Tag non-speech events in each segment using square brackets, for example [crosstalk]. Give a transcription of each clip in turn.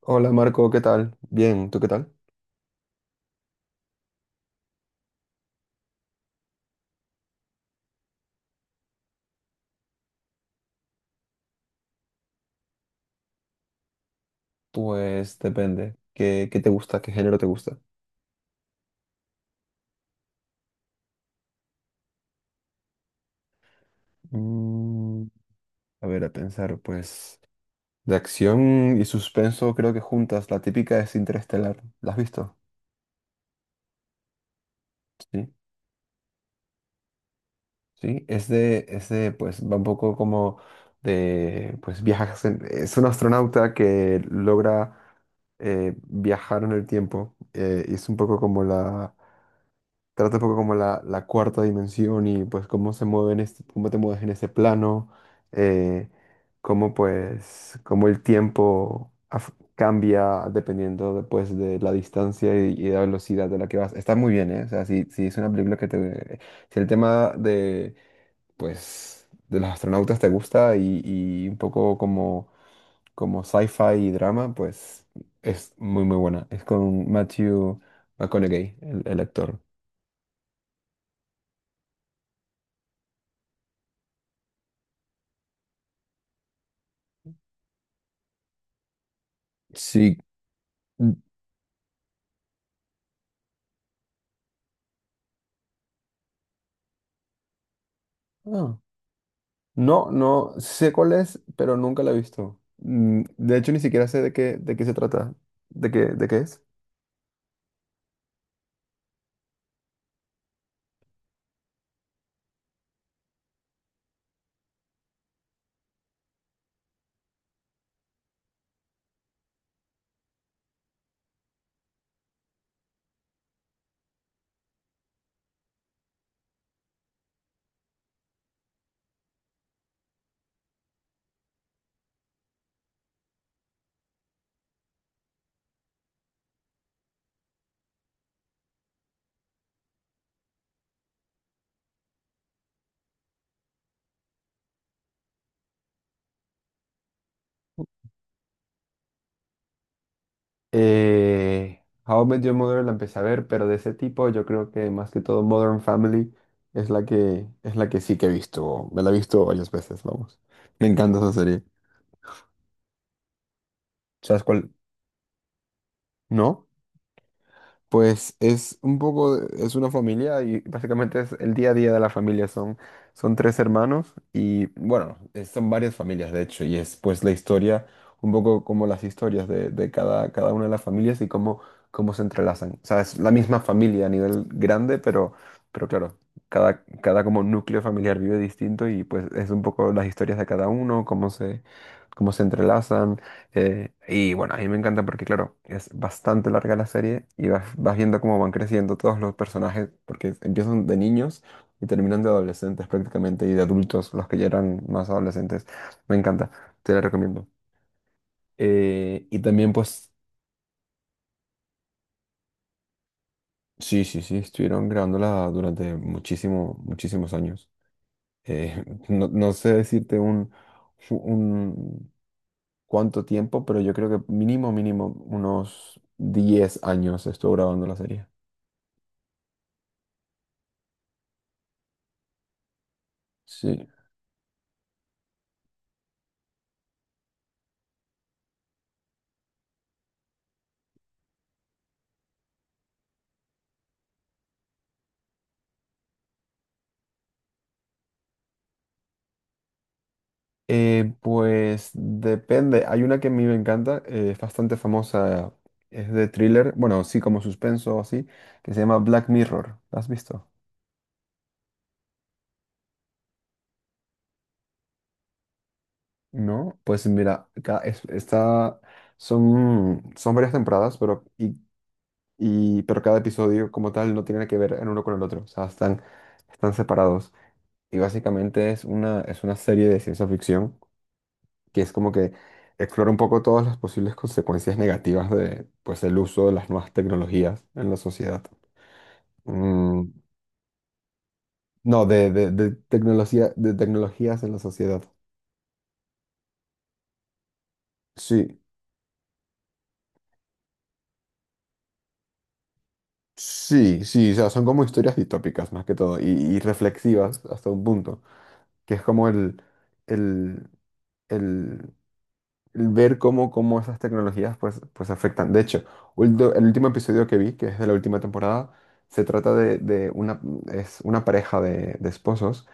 Hola Marco, ¿qué tal? Bien, ¿tú qué tal? Pues depende. ¿Qué te gusta? ¿Qué género te gusta? Mm, a ver, a pensar, pues de acción y suspenso creo que juntas. La típica es Interestelar. ¿La has visto? Sí. Sí, es de, pues va un poco como pues viajas. Es un astronauta que logra viajar en el tiempo, y es un poco como la. Trata un poco como la cuarta dimensión y pues cómo se mueven este, cómo te mueves en ese plano, eh, cómo pues, cómo el tiempo cambia dependiendo después de la distancia y la velocidad de la que vas. Está muy bien, ¿eh? O sea, si es una película que te... Si el tema de, pues, de los astronautas te gusta y un poco como, como sci-fi y drama, pues es muy buena. Es con Matthew McConaughey, el actor. Sí. N- ah, No, no sé cuál es, pero nunca la he visto. Mm. De hecho, ni siquiera sé de qué se trata. ¿De qué es? How I Met Your Mother la empecé a ver, pero de ese tipo yo creo que más que todo Modern Family es la que sí que he visto. Me la he visto varias veces, vamos. Me encanta esa serie. ¿Sabes cuál? ¿No? Pues es un poco, es una familia y básicamente es el día a día de la familia. Son, son tres hermanos y bueno, son varias familias de hecho y es pues la historia, un poco como las historias de cada una de las familias y cómo, cómo se entrelazan. O sea, es la misma familia a nivel grande, pero claro, cada como núcleo familiar vive distinto y pues es un poco las historias de cada uno, cómo se entrelazan. Y bueno, a mí me encanta porque, claro, es bastante larga la serie y vas viendo cómo van creciendo todos los personajes, porque empiezan de niños y terminan de adolescentes prácticamente y de adultos, los que ya eran más adolescentes. Me encanta, te la recomiendo. Y también, pues, sí, sí, sí, estuvieron grabándola durante muchísimo, muchísimos años. Eh, [laughs] no sé decirte un cuánto tiempo, pero yo creo que mínimo, mínimo, unos 10 años estuvo grabando la serie. Sí. Pues depende. Hay una que a mí me encanta, es bastante famosa, es de thriller, bueno, sí, como suspenso o así, que se llama Black Mirror. ¿La has visto? No. Pues mira, está, son, son varias temporadas, pero, y, pero cada episodio como tal no tiene que ver en uno con el otro, o sea, están, están separados. Y básicamente es una serie de ciencia ficción que es como que explora un poco todas las posibles consecuencias negativas de, pues, el uso de las nuevas tecnologías en la sociedad. Mm, no, de tecnología, de tecnologías en la sociedad. Sí, sí, sí, o sea, son como historias distópicas más que todo y reflexivas hasta un punto, que es como el, el, el ver cómo, cómo esas tecnologías pues, pues afectan. De hecho, el último episodio que vi, que es de la última temporada, se trata de una, es una pareja de esposos.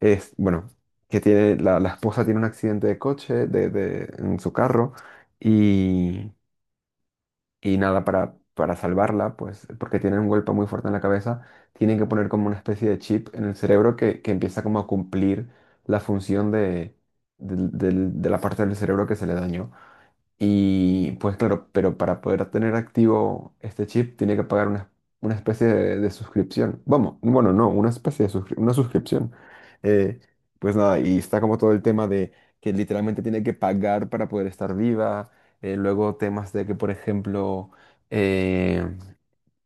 Es, bueno, que tiene, la esposa tiene un accidente de coche en su carro y, y nada, para salvarla, pues porque tiene un golpe muy fuerte en la cabeza, tienen que poner como una especie de chip en el cerebro que empieza como a cumplir la función de, de la parte del cerebro que se le dañó. Y pues claro, pero para poder tener activo este chip tiene que pagar una especie de suscripción. Vamos, bueno, no, una especie de una suscripción. Eh, pues nada, y está como todo el tema de que literalmente tiene que pagar para poder estar viva. Eh, luego temas de que, por ejemplo, eh,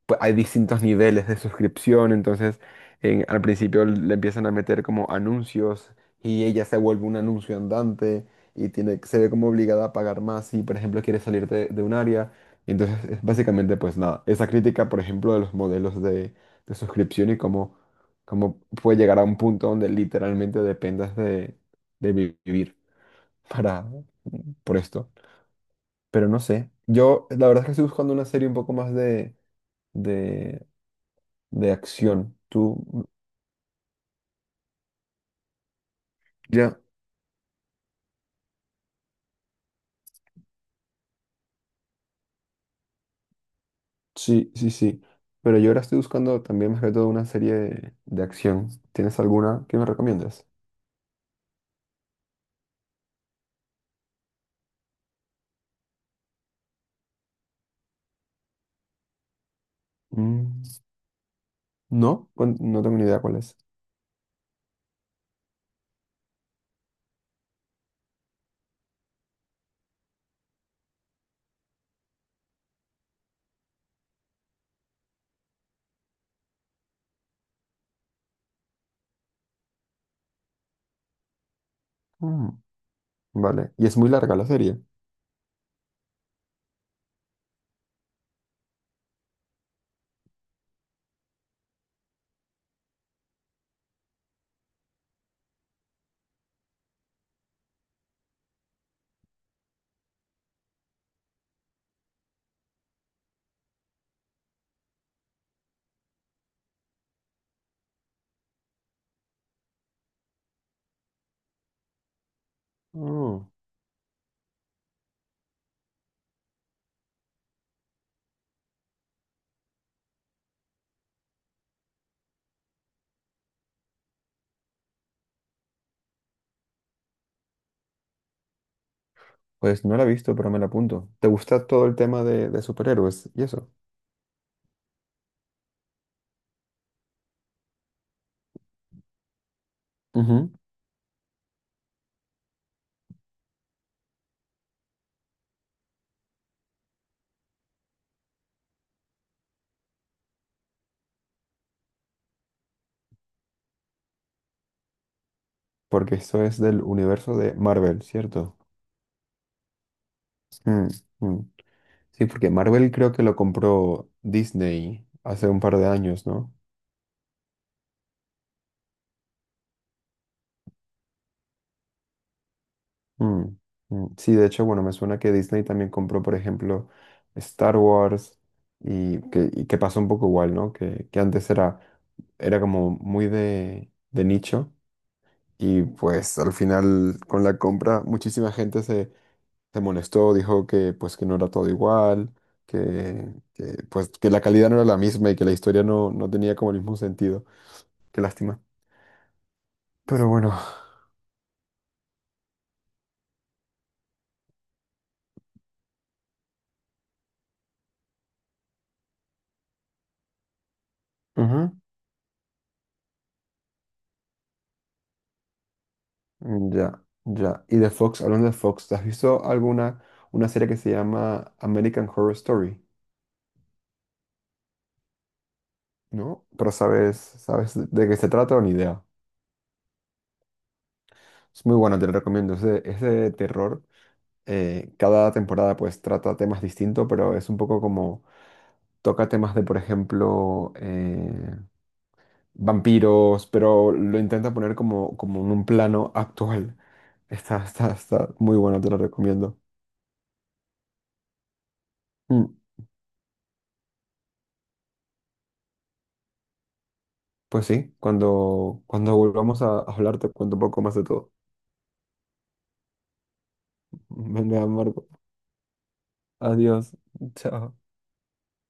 pues, hay distintos niveles de suscripción, entonces al principio le empiezan a meter como anuncios y ella se vuelve un anuncio andante y tiene, se ve como obligada a pagar más si, por ejemplo, quiere salir de un área. Entonces, es básicamente, pues nada, esa crítica, por ejemplo, de los modelos de suscripción y cómo, cómo puede llegar a un punto donde literalmente dependas de vivir para, por esto. Pero no sé, yo la verdad es que estoy buscando una serie un poco más de, de acción. Tú, ya, sí, sí, sí. Pero yo ahora estoy buscando también más que todo una serie de acción. ¿Tienes alguna que me recomiendas? Mm. No, no tengo ni idea cuál es. Mm. Vale. Y es muy larga la serie. Mm. Pues no la he visto, pero me la apunto. ¿Te gusta todo el tema de superhéroes y eso? Ujú. Porque esto es del universo de Marvel, ¿cierto? Mm, mm. Sí, porque Marvel creo que lo compró Disney hace un par de años, ¿no? Mm, mm. Sí, de hecho, bueno, me suena que Disney también compró, por ejemplo, Star Wars y que pasó un poco igual, ¿no? Que antes era, era como muy de nicho y pues al final con la compra muchísima gente se, se molestó, dijo que pues que no era todo igual, pues que la calidad no era la misma y que la historia no, no tenía como el mismo sentido. Qué lástima. Pero bueno. Mm. Ya, ya. Y de Fox, hablando de Fox, ¿te has visto alguna una serie que se llama American Horror Story? ¿No? Pero sabes, sabes de qué se trata o ni idea. Es muy bueno, te lo recomiendo. Es de terror. Cada temporada pues trata temas distintos, pero es un poco como toca temas de, por ejemplo, vampiros, pero lo intenta poner como, como en un plano actual. Está, está, está muy bueno, te lo recomiendo. Mm. Pues sí, cuando, cuando volvamos a hablar te cuento un poco más de todo. [laughs] Venga, Marco. Adiós. Chao.